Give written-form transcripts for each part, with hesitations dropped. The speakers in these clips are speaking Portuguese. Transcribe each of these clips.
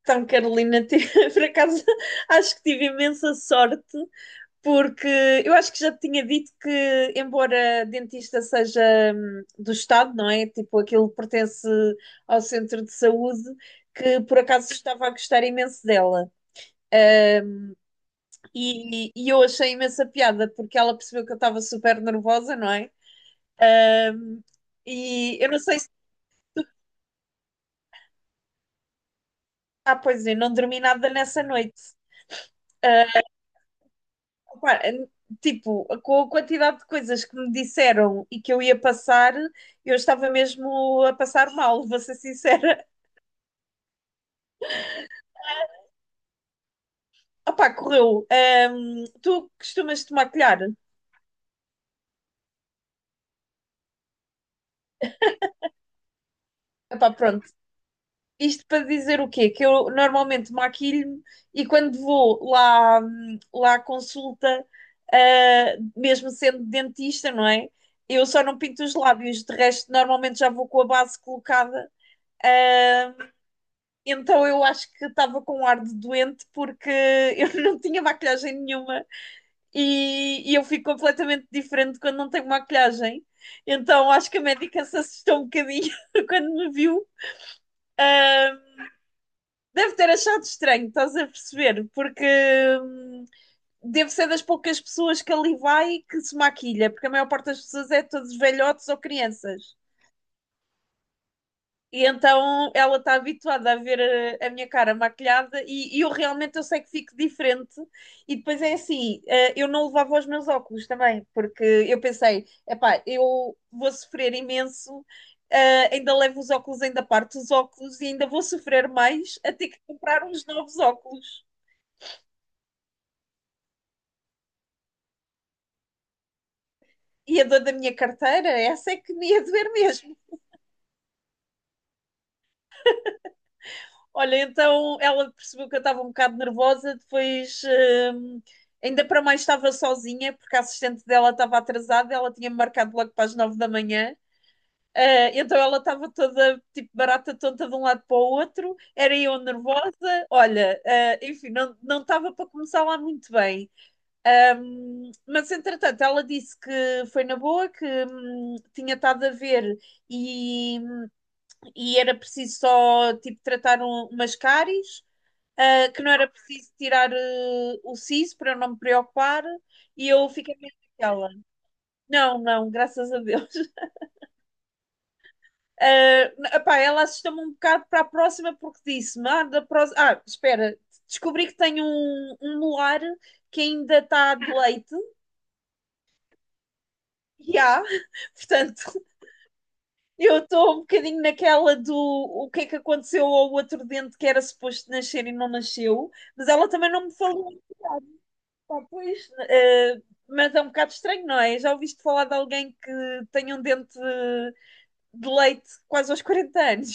Então, Carolina, por acaso acho que tive imensa sorte, porque eu acho que já te tinha dito que, embora dentista seja do Estado, não é? Tipo, aquilo pertence ao centro de saúde, que por acaso estava a gostar imenso dela. Hum, e eu achei imensa piada, porque ela percebeu que eu estava super nervosa, não é? Hum, e eu não sei se. Ah, pois é, não dormi nada nessa noite. Pá, é, tipo, com a quantidade de coisas que me disseram e que eu ia passar, eu estava mesmo a passar mal, vou ser sincera. Opá, correu. Tu costumas te maquilhar? Epá, pronto. Isto para dizer o quê? Que eu normalmente maquilho-me e quando vou lá, lá à consulta, mesmo sendo dentista, não é? Eu só não pinto os lábios, de resto, normalmente já vou com a base colocada. Então eu acho que estava com um ar de doente porque eu não tinha maquilhagem nenhuma e eu fico completamente diferente quando não tenho maquilhagem. Então acho que a médica se assustou um bocadinho quando me viu. Deve ter achado estranho, estás a perceber? Porque hum, devo ser das poucas pessoas que ali vai que se maquilha, porque a maior parte das pessoas é todos velhotes ou crianças. E então ela está habituada a ver a minha cara maquilhada e eu realmente eu sei que fico diferente. E depois é assim, eu não levava os meus óculos também, porque eu pensei, epá, eu vou sofrer imenso, ainda levo os óculos, ainda parto os óculos e ainda vou sofrer mais a ter que comprar uns novos óculos. E a dor da minha carteira, essa é que me ia doer mesmo. Olha, então ela percebeu que eu estava um bocado nervosa, depois hum, ainda para mais estava sozinha, porque a assistente dela estava atrasada, ela tinha marcado logo para as 9 da manhã. Ah, então ela estava toda tipo barata tonta de um lado para o outro, era eu nervosa. Olha, enfim, não estava para começar lá muito bem. Mas entretanto, ela disse que foi na boa, que tinha estado a ver e, e era preciso só tipo tratar umas cáries, que não era preciso tirar, o siso, para eu não me preocupar, e eu fiquei mesmo naquela. Não, não, graças a Deus. Ah, epá, ela assustou-me um bocado para a próxima porque disse-me: espera, descobri que tenho um molar que ainda está de leite. E há, portanto, eu estou um bocadinho naquela do o que é que aconteceu ao outro dente que era suposto nascer e não nasceu, mas ela também não me falou. Pá, pois, mas é um bocado estranho, não é? Já ouviste falar de alguém que tenha um dente de leite quase aos 40 anos?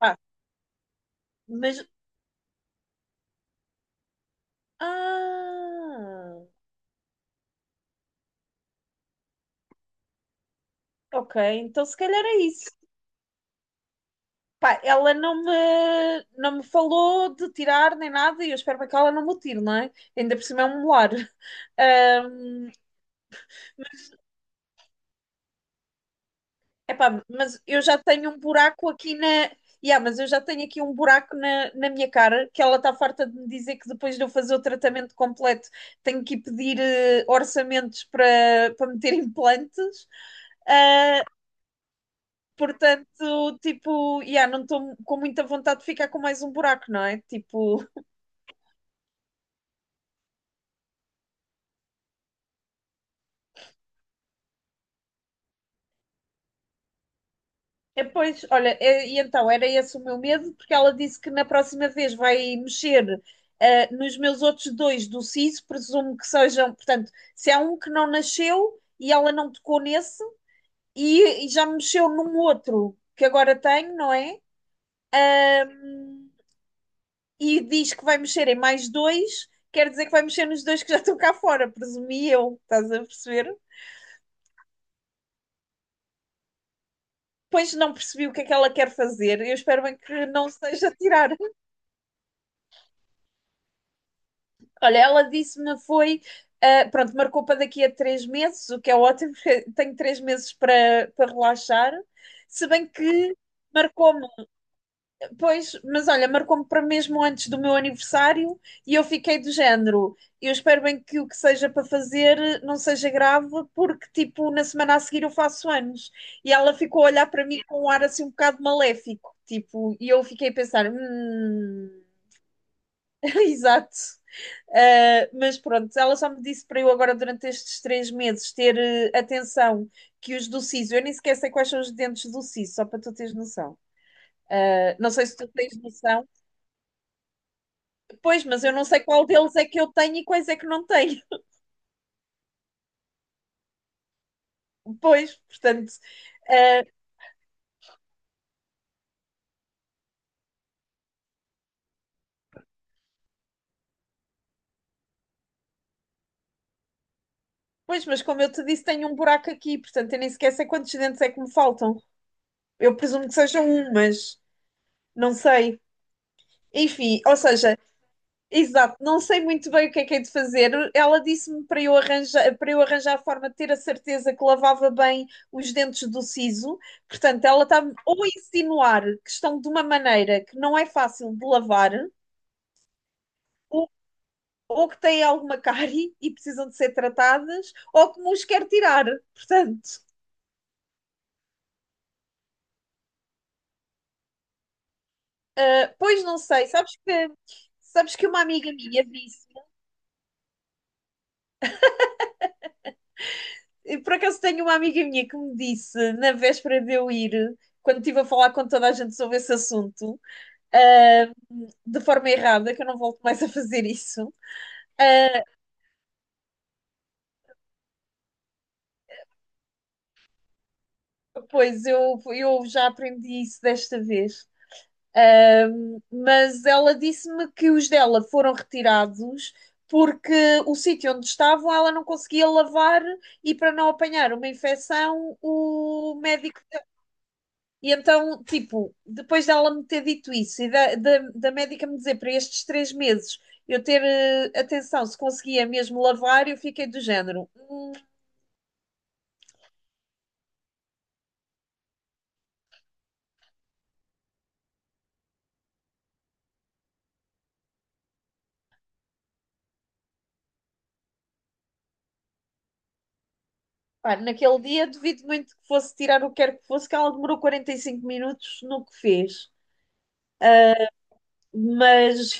Pá, mas. Ah, ok, então se calhar é isso. Pá, ela não me falou de tirar nem nada e eu espero bem que ela não me o tire, não é? Ainda por cima é um molar. Epá, mas eu já tenho um buraco aqui na. Yeah, mas eu já tenho aqui um buraco na minha cara que ela está farta de me dizer que depois de eu fazer o tratamento completo tenho que ir pedir, orçamentos para meter implantes. Ah, portanto, tipo, yeah, não estou com muita vontade de ficar com mais um buraco, não é? Tipo, é, pois, olha, é, e então era esse o meu medo, porque ela disse que na próxima vez vai mexer, nos meus outros dois do siso, presumo que sejam, portanto, se há um que não nasceu e ela não tocou nesse, e já mexeu num outro que agora tenho, não é? E diz que vai mexer em mais dois, quer dizer que vai mexer nos dois que já estão cá fora, presumi eu, estás a perceber? Pois não percebi o que é que ela quer fazer, eu espero bem que não seja tirar. Olha, ela disse-me foi, pronto, marcou para daqui a 3 meses, o que é ótimo, porque tenho 3 meses para relaxar. Se bem que marcou-me, pois, mas olha, marcou-me para mesmo antes do meu aniversário e eu fiquei do género. Eu espero bem que o que seja para fazer não seja grave, porque tipo, na semana a seguir eu faço anos. E ela ficou a olhar para mim com um ar assim um bocado maléfico, tipo, e eu fiquei a pensar, exato. Mas pronto, ela só me disse para eu agora durante estes 3 meses ter, atenção que os do siso, eu nem sequer sei quais são os dentes do siso, só para tu teres noção. Não sei se tu tens noção. Pois, mas eu não sei qual deles é que eu tenho e quais é que não tenho. Pois, portanto, uh, pois, mas como eu te disse, tenho um buraco aqui, portanto, eu nem sequer sei quantos dentes é que me faltam. Eu presumo que sejam um, mas não sei. Enfim, ou seja. Exato, não sei muito bem o que é de fazer. Ela disse-me para eu arranjar, a forma de ter a certeza que lavava bem os dentes do siso. Portanto, ela está-me ou a insinuar que estão de uma maneira que não é fácil de lavar, ou, ou que têm alguma cárie e precisam de ser tratadas, ou que me os quer tirar. Portanto, pois não sei. Sabes que uma amiga minha disse E por acaso tenho uma amiga minha que me disse, na véspera de eu ir, quando estive a falar com toda a gente sobre esse assunto, ah, de forma errada, que eu não volto mais a fazer isso. Ah, pois eu já aprendi isso desta vez. Ah, mas ela disse-me que os dela foram retirados porque o sítio onde estavam ela não conseguia lavar e para não apanhar uma infecção, o médico. E então, tipo, depois dela me ter dito isso e da médica me dizer para estes 3 meses eu ter, atenção se conseguia mesmo lavar, eu fiquei do género. Pá, naquele dia duvido muito que fosse tirar o que quer que fosse, que ela demorou 45 minutos no que fez. Mas,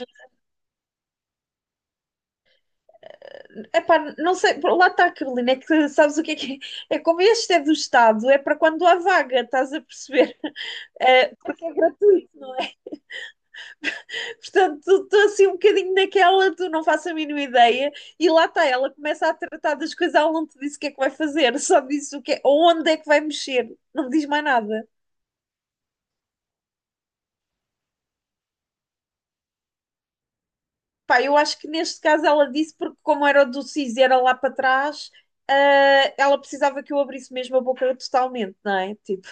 epá, não sei, lá está, Carolina, é que sabes o que é que é? É como este é do Estado, é para quando há vaga, estás a perceber? Porque é gratuito, não é? Portanto, estou assim um bocadinho naquela, tu não faço a mínima ideia, e lá está, ela começa a tratar das coisas, ela não te disse o que é que vai fazer, só disse o que é, onde é que vai mexer, não me diz mais nada. Pá, eu acho que neste caso ela disse, porque como era o do CIS e era lá para trás, ela precisava que eu abrisse mesmo a boca totalmente, não é? Tipo,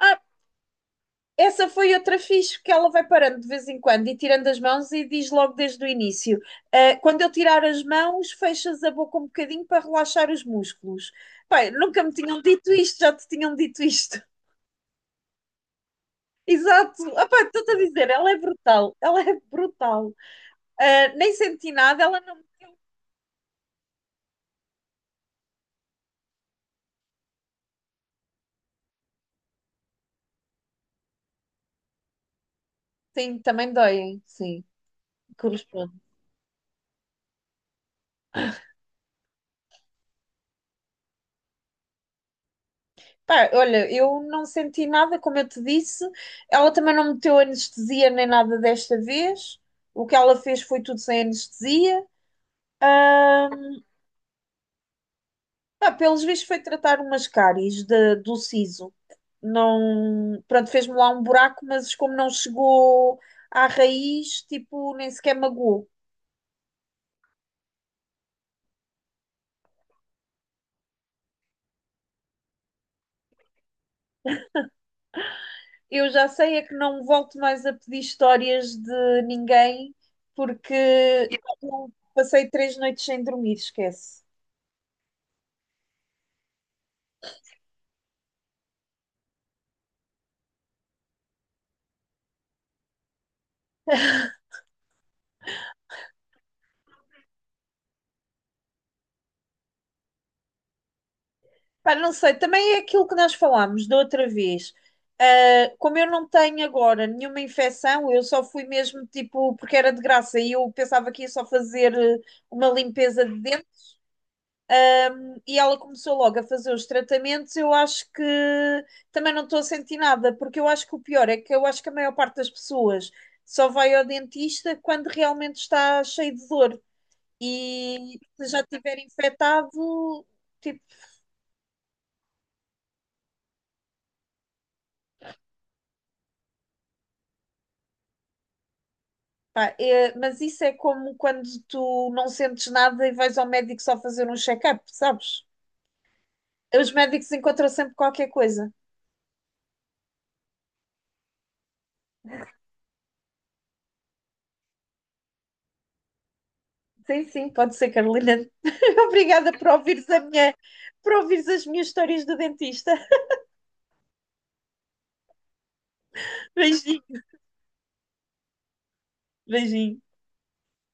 ah, essa foi outra fixe, que ela vai parando de vez em quando e tirando as mãos e diz logo desde o início: quando eu tirar as mãos, fechas a boca um bocadinho para relaxar os músculos. Pai, nunca me tinham dito isto, já te tinham dito isto. Exato, pá, estou-te a dizer, ela é brutal, ela é brutal. Nem senti nada, ela não. Sim, também doem, sim, corresponde. Pá, olha, eu não senti nada, como eu te disse. Ela também não meteu anestesia nem nada desta vez. O que ela fez foi tudo sem anestesia. Pá, pelos vistos foi tratar umas cáries do siso. Não, pronto, fez-me lá um buraco, mas como não chegou à raiz, tipo, nem sequer magoou. Eu já sei é que não volto mais a pedir histórias de ninguém, porque eu passei 3 noites sem dormir, esquece. Pá, não sei, também é aquilo que nós falámos da outra vez. Ah, como eu não tenho agora nenhuma infecção, eu só fui mesmo tipo, porque era de graça e eu pensava que ia só fazer, uma limpeza de dentro e ela começou logo a fazer os tratamentos. Eu acho que também não estou a sentir nada, porque eu acho que o pior é que eu acho que a maior parte das pessoas só vai ao dentista quando realmente está cheio de dor e se já tiver infectado, tipo, pá, é, mas isso é como quando tu não sentes nada e vais ao médico só fazer um check-up, sabes? Os médicos encontram sempre qualquer coisa. Sim, sim, pode ser, Carolina. Obrigada por ouvires a minha, por ouvires as minhas histórias do dentista. Beijinho, beijinho.